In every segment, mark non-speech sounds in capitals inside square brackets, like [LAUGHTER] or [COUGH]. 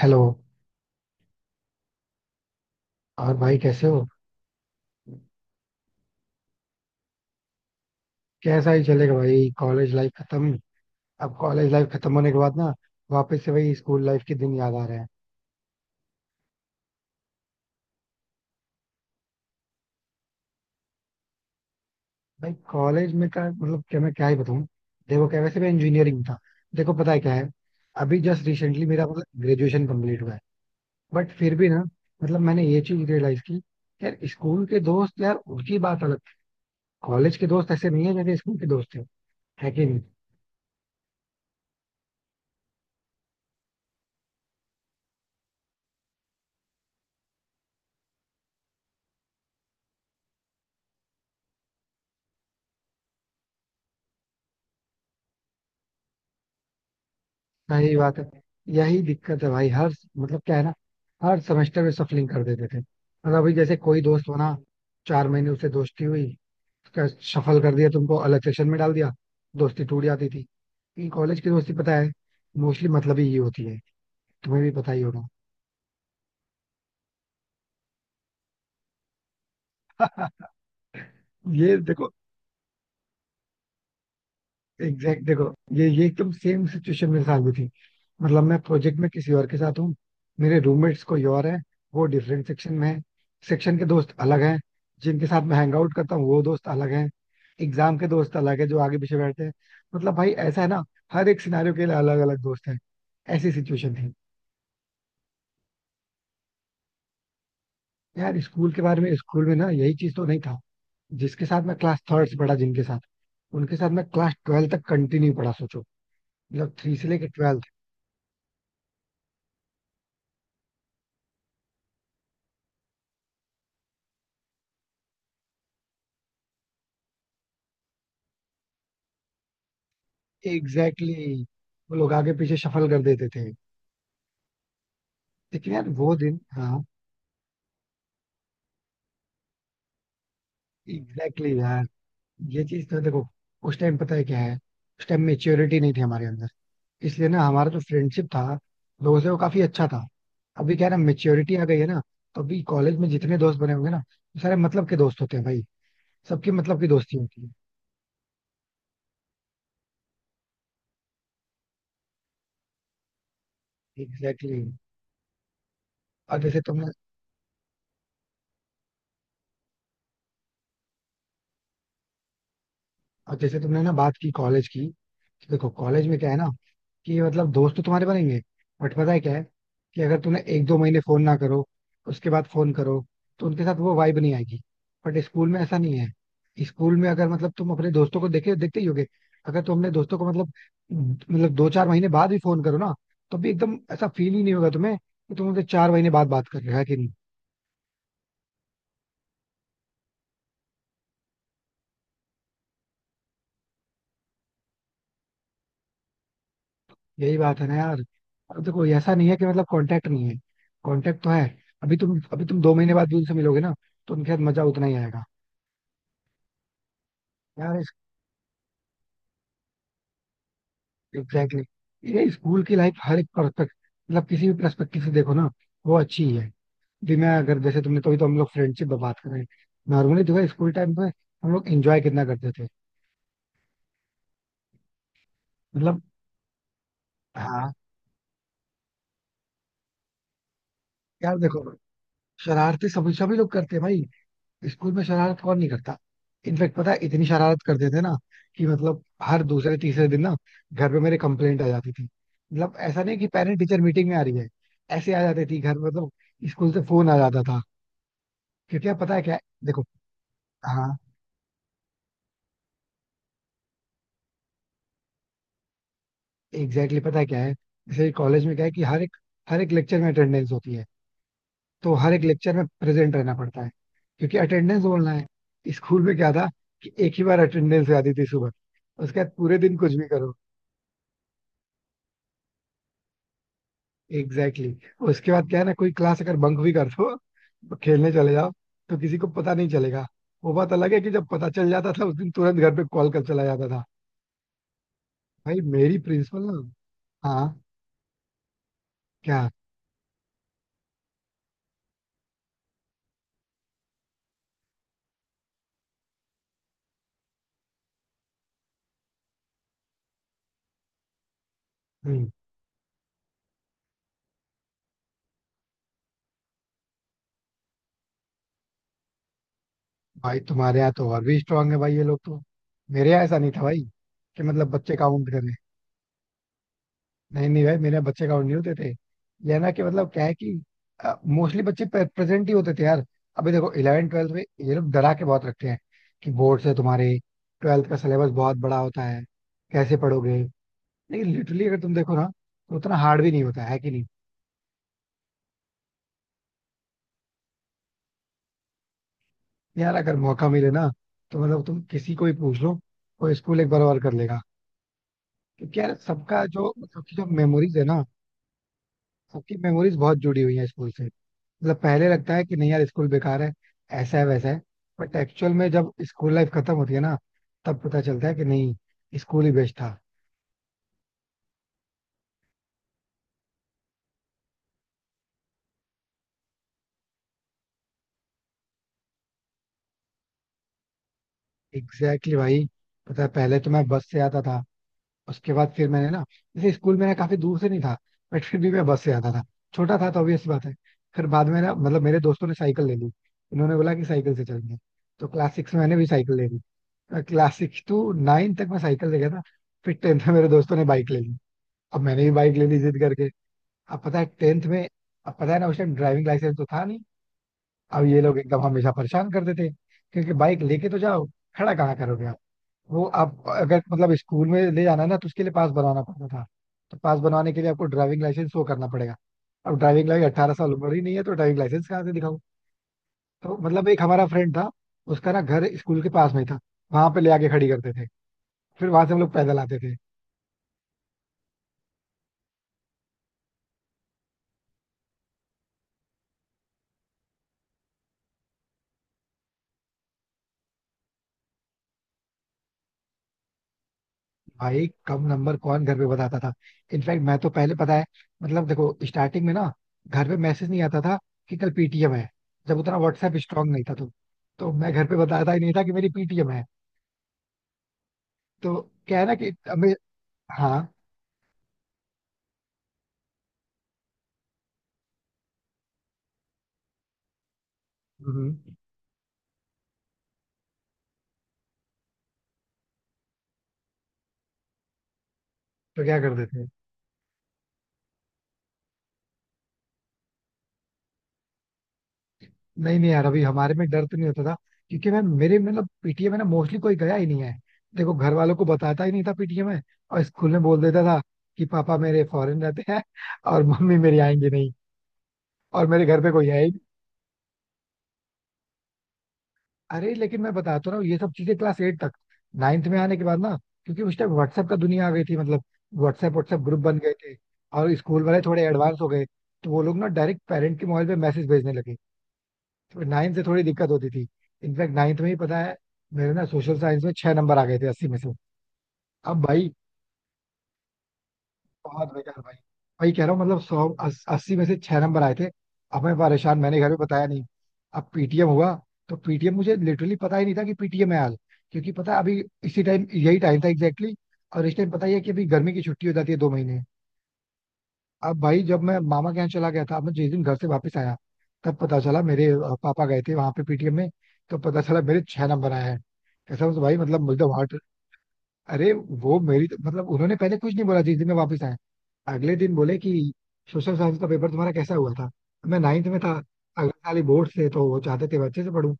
Hello. और भाई कैसे हो? कैसा ही चलेगा भाई. कॉलेज लाइफ खत्म. अब कॉलेज लाइफ खत्म होने के बाद ना, वापस से वही स्कूल लाइफ के दिन याद आ रहे हैं. भाई कॉलेज में का मतलब, क्या मैं क्या ही बताऊं. देखो क्या, वैसे मैं इंजीनियरिंग था. देखो पता है क्या है, अभी जस्ट रिसेंटली मेरा मतलब ग्रेजुएशन कंप्लीट हुआ है. बट फिर भी ना, मतलब मैंने ये चीज रियलाइज की. यार स्कूल के दोस्त, यार उनकी बात अलग थी. कॉलेज के दोस्त ऐसे नहीं है जैसे स्कूल के दोस्त थे. है कि नहीं? सही बात है. यही दिक्कत है भाई. हर मतलब क्या है ना, हर सेमेस्टर में सफलिंग कर देते थे. मतलब अभी जैसे कोई दोस्त बना, 4 महीने उससे दोस्ती हुई, उसका सफल कर दिया, तुमको अलग सेक्शन में डाल दिया. दोस्ती टूट जाती थी. इन कॉलेज की दोस्ती पता है, मोस्टली मतलब ही ये होती है. तुम्हें भी पता ही होगा. [LAUGHS] ये देखो एग्जैक्ट. देखो ये एकदम सेम सिचुएशन मेरे साथ भी थी. मतलब मैं प्रोजेक्ट में किसी और के साथ हूँ. मेरे रूममेट्स कोई और है, वो डिफरेंट सेक्शन में है. सेक्शन के दोस्त अलग हैं. जिनके साथ मैं हैंग आउट करता हूँ वो दोस्त अलग हैं. एग्जाम के दोस्त अलग है जो आगे पीछे बैठते हैं. मतलब भाई ऐसा है ना, हर एक सिनारियों के लिए अलग अलग दोस्त हैं. ऐसी सिचुएशन थी. यार स्कूल के बारे में, स्कूल में ना यही चीज तो नहीं था. जिसके साथ मैं क्लास थर्ड से पढ़ा, जिनके साथ उनके साथ मैं क्लास 12 तक कंटिन्यू पढ़ा, सोचो. मतलब 3 से लेकर 12. एग्जैक्टली exactly, वो लोग आगे पीछे शफल कर देते थे. लेकिन यार वो दिन, हाँ. एग्जैक्टली exactly यार, ये चीज तो देखो. उस टाइम पता है क्या है, उस टाइम मेच्योरिटी नहीं थी हमारे अंदर. इसलिए ना हमारा जो फ्रेंडशिप था लोगों से, वो काफी अच्छा था. अभी क्या है ना, मेच्योरिटी आ गई है ना. तो अभी कॉलेज में जितने दोस्त बने होंगे ना, वो सारे मतलब के दोस्त होते हैं भाई. सबकी मतलब की दोस्ती होती है. Exactly exactly. और जैसे तुमने और जैसे तुमने ना बात की कॉलेज की. तो देखो कॉलेज में क्या है ना, कि मतलब दोस्त तो तुम्हारे बनेंगे. बट पता है क्या है, कि अगर तुमने एक दो महीने फोन ना करो, उसके बाद फोन करो, तो उनके साथ वो वाइब नहीं आएगी. बट स्कूल में ऐसा नहीं है. स्कूल में अगर मतलब तुम अपने दोस्तों को देखे देखते ही होगे. अगर तुम अपने दोस्तों को मतलब 2-4 महीने बाद भी फोन करो ना, तो भी एकदम ऐसा फील ही नहीं होगा तुम्हें कि तुम उनसे 4 महीने बाद बात कर रहे हो. है कि नहीं? यही बात है ना यार. अब देखो ऐसा नहीं है कि मतलब कांटेक्ट नहीं है. कांटेक्ट तो है. अभी तुम 2 महीने बाद भी उनसे मिलोगे ना, तो उनके साथ मजा उतना ही आएगा. यार एग्जैक्टली exactly. ये स्कूल की लाइफ, हर एक पर्सपेक्ट मतलब किसी भी पर्सपेक्टिव से देखो ना, वो अच्छी ही है. भी मैं अगर जैसे तुमने तो हम लोग फ्रेंडशिप पे बात करें, नॉर्मली जो है स्कूल टाइम पे, हम लोग एंजॉय कितना करते थे. मतलब. हाँ. यार देखो, शरारतें सभी सभी लोग करते हैं भाई. स्कूल में शरारत कौन नहीं करता. इनफेक्ट पता है इतनी शरारत करते थे ना, कि मतलब हर दूसरे तीसरे दिन ना घर पे मेरे कंप्लेंट आ जाती थी. मतलब ऐसा नहीं कि पेरेंट टीचर मीटिंग में आ रही है. ऐसे आ जाती थी घर, मतलब स्कूल से फोन आ जाता था. क्योंकि अब पता है क्या है? देखो. हाँ. एग्जैक्टली exactly, पता है क्या है, जैसे कॉलेज में क्या है कि हर एक लेक्चर में अटेंडेंस होती है. तो हर एक लेक्चर में प्रेजेंट रहना पड़ता है क्योंकि अटेंडेंस बोलना है. स्कूल में क्या था कि एक ही बार अटेंडेंस आती थी सुबह. उसके बाद पूरे दिन कुछ भी करो. Exactly exactly. उसके बाद क्या है ना, कोई क्लास अगर बंक भी कर दो, खेलने चले जाओ, तो किसी को पता नहीं चलेगा. वो बात अलग है कि जब पता चल जाता था उस दिन तुरंत घर पे कॉल कर चला जाता था. भाई मेरी प्रिंसिपल ना. हाँ. क्या. हम्म. भाई तुम्हारे यहाँ तो और भी स्ट्रांग है भाई, ये लोग तो. मेरे यहाँ ऐसा नहीं था भाई, कि मतलब बच्चे काउंट करें. नहीं नहीं भाई, मेरे यहाँ बच्चे काउंट नहीं होते थे. ये है ना, कि मतलब क्या है कि मोस्टली बच्चे प्रेजेंट ही होते थे यार. अभी देखो 11वीं 12वीं में ये लोग डरा के बहुत रखते हैं, कि बोर्ड से तुम्हारे 12वीं का सिलेबस बहुत बड़ा होता है, कैसे पढ़ोगे. लेकिन लिटरली अगर तुम देखो ना, तो उतना हार्ड भी नहीं होता है, कि नहीं. यार अगर मौका मिले ना, तो मतलब तुम किसी को भी पूछ लो, कोई स्कूल एक बार और कर लेगा. क्योंकि यार सबका जो सबकी जो मेमोरीज है ना, सबकी मेमोरीज बहुत जुड़ी हुई है स्कूल से. मतलब पहले लगता है कि नहीं यार, स्कूल बेकार है, ऐसा है वैसा है. बट एक्चुअल में जब स्कूल लाइफ खत्म होती है ना, तब पता चलता है कि नहीं, स्कूल ही बेस्ट था. एग्जैक्टली exactly भाई. पता है पहले तो मैं बस से आता था. उसके बाद फिर मैंने ना, जैसे स्कूल मेरा काफी दूर से नहीं था, बट फिर भी मैं बस से आता था. छोटा था तो ऑब्वियस बात है. फिर बाद में ना, मतलब मेरे दोस्तों ने साइकिल ले ली, इन्होंने बोला कि साइकिल से चलेंगे. तो क्लास 6 में मैंने भी साइकिल ले ली. क्लास 6 से 9 तक मैं साइकिल ले गया था. फिर 10वीं में मेरे दोस्तों ने बाइक ले ली, अब मैंने भी बाइक ले ली जिद करके. अब पता है 10वीं में, अब पता है ना उस टाइम ड्राइविंग लाइसेंस तो था नहीं. अब ये लोग एकदम हमेशा परेशान करते थे, क्योंकि बाइक लेके तो जाओ, खड़ा कहाँ करोगे आप. वो आप अगर मतलब स्कूल में ले जाना है ना, तो उसके लिए पास बनवाना पड़ता था. तो पास बनवाने के लिए आपको ड्राइविंग लाइसेंस शो करना पड़ेगा. अब ड्राइविंग लाइसेंस 18 साल उम्र ही नहीं है, तो ड्राइविंग लाइसेंस कहाँ से दिखाऊं. तो मतलब एक हमारा फ्रेंड था, उसका ना घर स्कूल के पास में ही था, वहां पे ले आके खड़ी करते थे, फिर वहां से हम लोग पैदल आते थे. भाई कम नंबर कौन घर पे बताता था. इनफैक्ट मैं तो पहले पता है, मतलब देखो स्टार्टिंग में ना, घर पे मैसेज नहीं आता था कि कल पीटीएम है. जब उतना व्हाट्सएप स्ट्रांग नहीं था तो मैं घर पे बताता ही नहीं था कि मेरी पीटीएम है. तो क्या है ना कि हमें. हाँ. हम्म. तो क्या कर देते हैं. नहीं नहीं यार अभी हमारे में डर तो नहीं होता था, क्योंकि मैं मेरे मतलब पीटीएम है ना, मोस्टली कोई गया ही नहीं है. देखो घर वालों को बताता ही नहीं था पीटीएम है. और स्कूल में बोल देता था कि पापा मेरे फॉरेन रहते हैं, और मम्मी मेरी आएंगी नहीं, और मेरे घर पे कोई है. अरे लेकिन मैं बताता हूँ ना, ये सब चीजें क्लास 8 तक. नाइन्थ में आने के बाद ना, क्योंकि उस टाइम व्हाट्सएप का दुनिया आ गई थी, मतलब व्हाट्सएप व्हाट्सएप ग्रुप बन गए थे. और स्कूल वाले थोड़े एडवांस हो गए, तो वो लोग ना डायरेक्ट पेरेंट के मोबाइल पे मैसेज भेजने लगे. तो 9वीं से थोड़ी दिक्कत होती थी. इनफैक्ट 9वीं में ही पता है, मेरे ना सोशल साइंस में 6 नंबर आ गए थे 80 में से. अब भाई, बहुत बेकार भाई. वही कह रहा हूँ मतलब, 80 में से 6 नंबर आए थे. अब मैं परेशान, मैंने घर में बताया नहीं. अब पीटीएम हुआ. तो पीटीएम मुझे लिटरली पता ही नहीं था कि पीटीएम है हाल. क्योंकि पता है अभी इसी टाइम यही टाइम था एग्जैक्टली exactly, और इस टाइम पता ही है कि अभी गर्मी की छुट्टी हो जाती है 2 महीने. अब भाई जब मैं मामा के यहाँ चला गया था, अब मैं जिस दिन घर से वापस आया, तब पता चला मेरे पापा गए थे वहां पे पीटीएम में. तो पता चला मेरे 6 नंबर आए हैं. कसम से भाई मतलब मुझे तो हार्ट. अरे. वो मेरी तो मतलब, उन्होंने पहले कुछ नहीं बोला जिस दिन मैं वापस आया. अगले दिन बोले कि सोशल साइंस का पेपर तुम्हारा कैसा हुआ था. मैं 9वीं में था, अगले साल ही बोर्ड से तो वो चाहते थे मैं अच्छे से पढूं.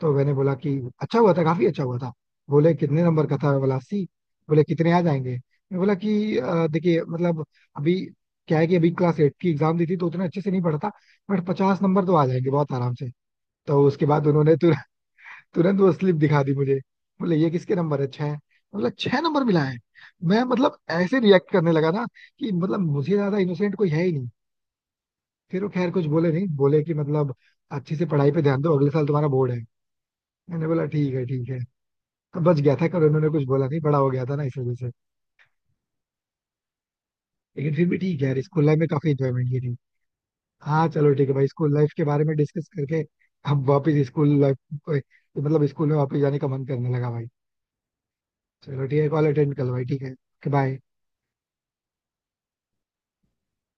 तो मैंने बोला कि अच्छा हुआ था, काफी अच्छा हुआ था. बोले कितने नंबर का था. मैं बोला 80. बोले कितने आ जाएंगे. मैं बोला कि देखिए मतलब अभी क्या है कि अभी क्लास 8 की एग्जाम दी थी तो उतना अच्छे से नहीं पढ़ा था, बट 50 नंबर तो आ जाएंगे बहुत आराम से. तो उसके बाद उन्होंने तो तुरंत वो स्लिप दिखा दी मुझे. बोले ये किसके नंबर है 6, मतलब 6 नंबर मिला है. मैं मतलब ऐसे रिएक्ट करने लगा ना, कि मतलब मुझे ज्यादा इनोसेंट कोई है ही नहीं. फिर वो खैर कुछ बोले नहीं, बोले कि मतलब अच्छे से पढ़ाई पे ध्यान दो अगले साल तुम्हारा बोर्ड है. मैंने बोला ठीक है ठीक है. तो बच गया था, कल उन्होंने कुछ बोला नहीं, बड़ा हो गया था ना इस वजह से. लेकिन फिर भी ठीक है यार, स्कूल लाइफ में काफी इंजॉयमेंट की थी. हाँ चलो ठीक है भाई, स्कूल लाइफ के बारे में डिस्कस करके अब वापस स्कूल लाइफ, मतलब स्कूल में वापस जाने का मन करने लगा भाई. चलो ठीक है कॉल अटेंड कर लो भाई, ठीक है. बाय.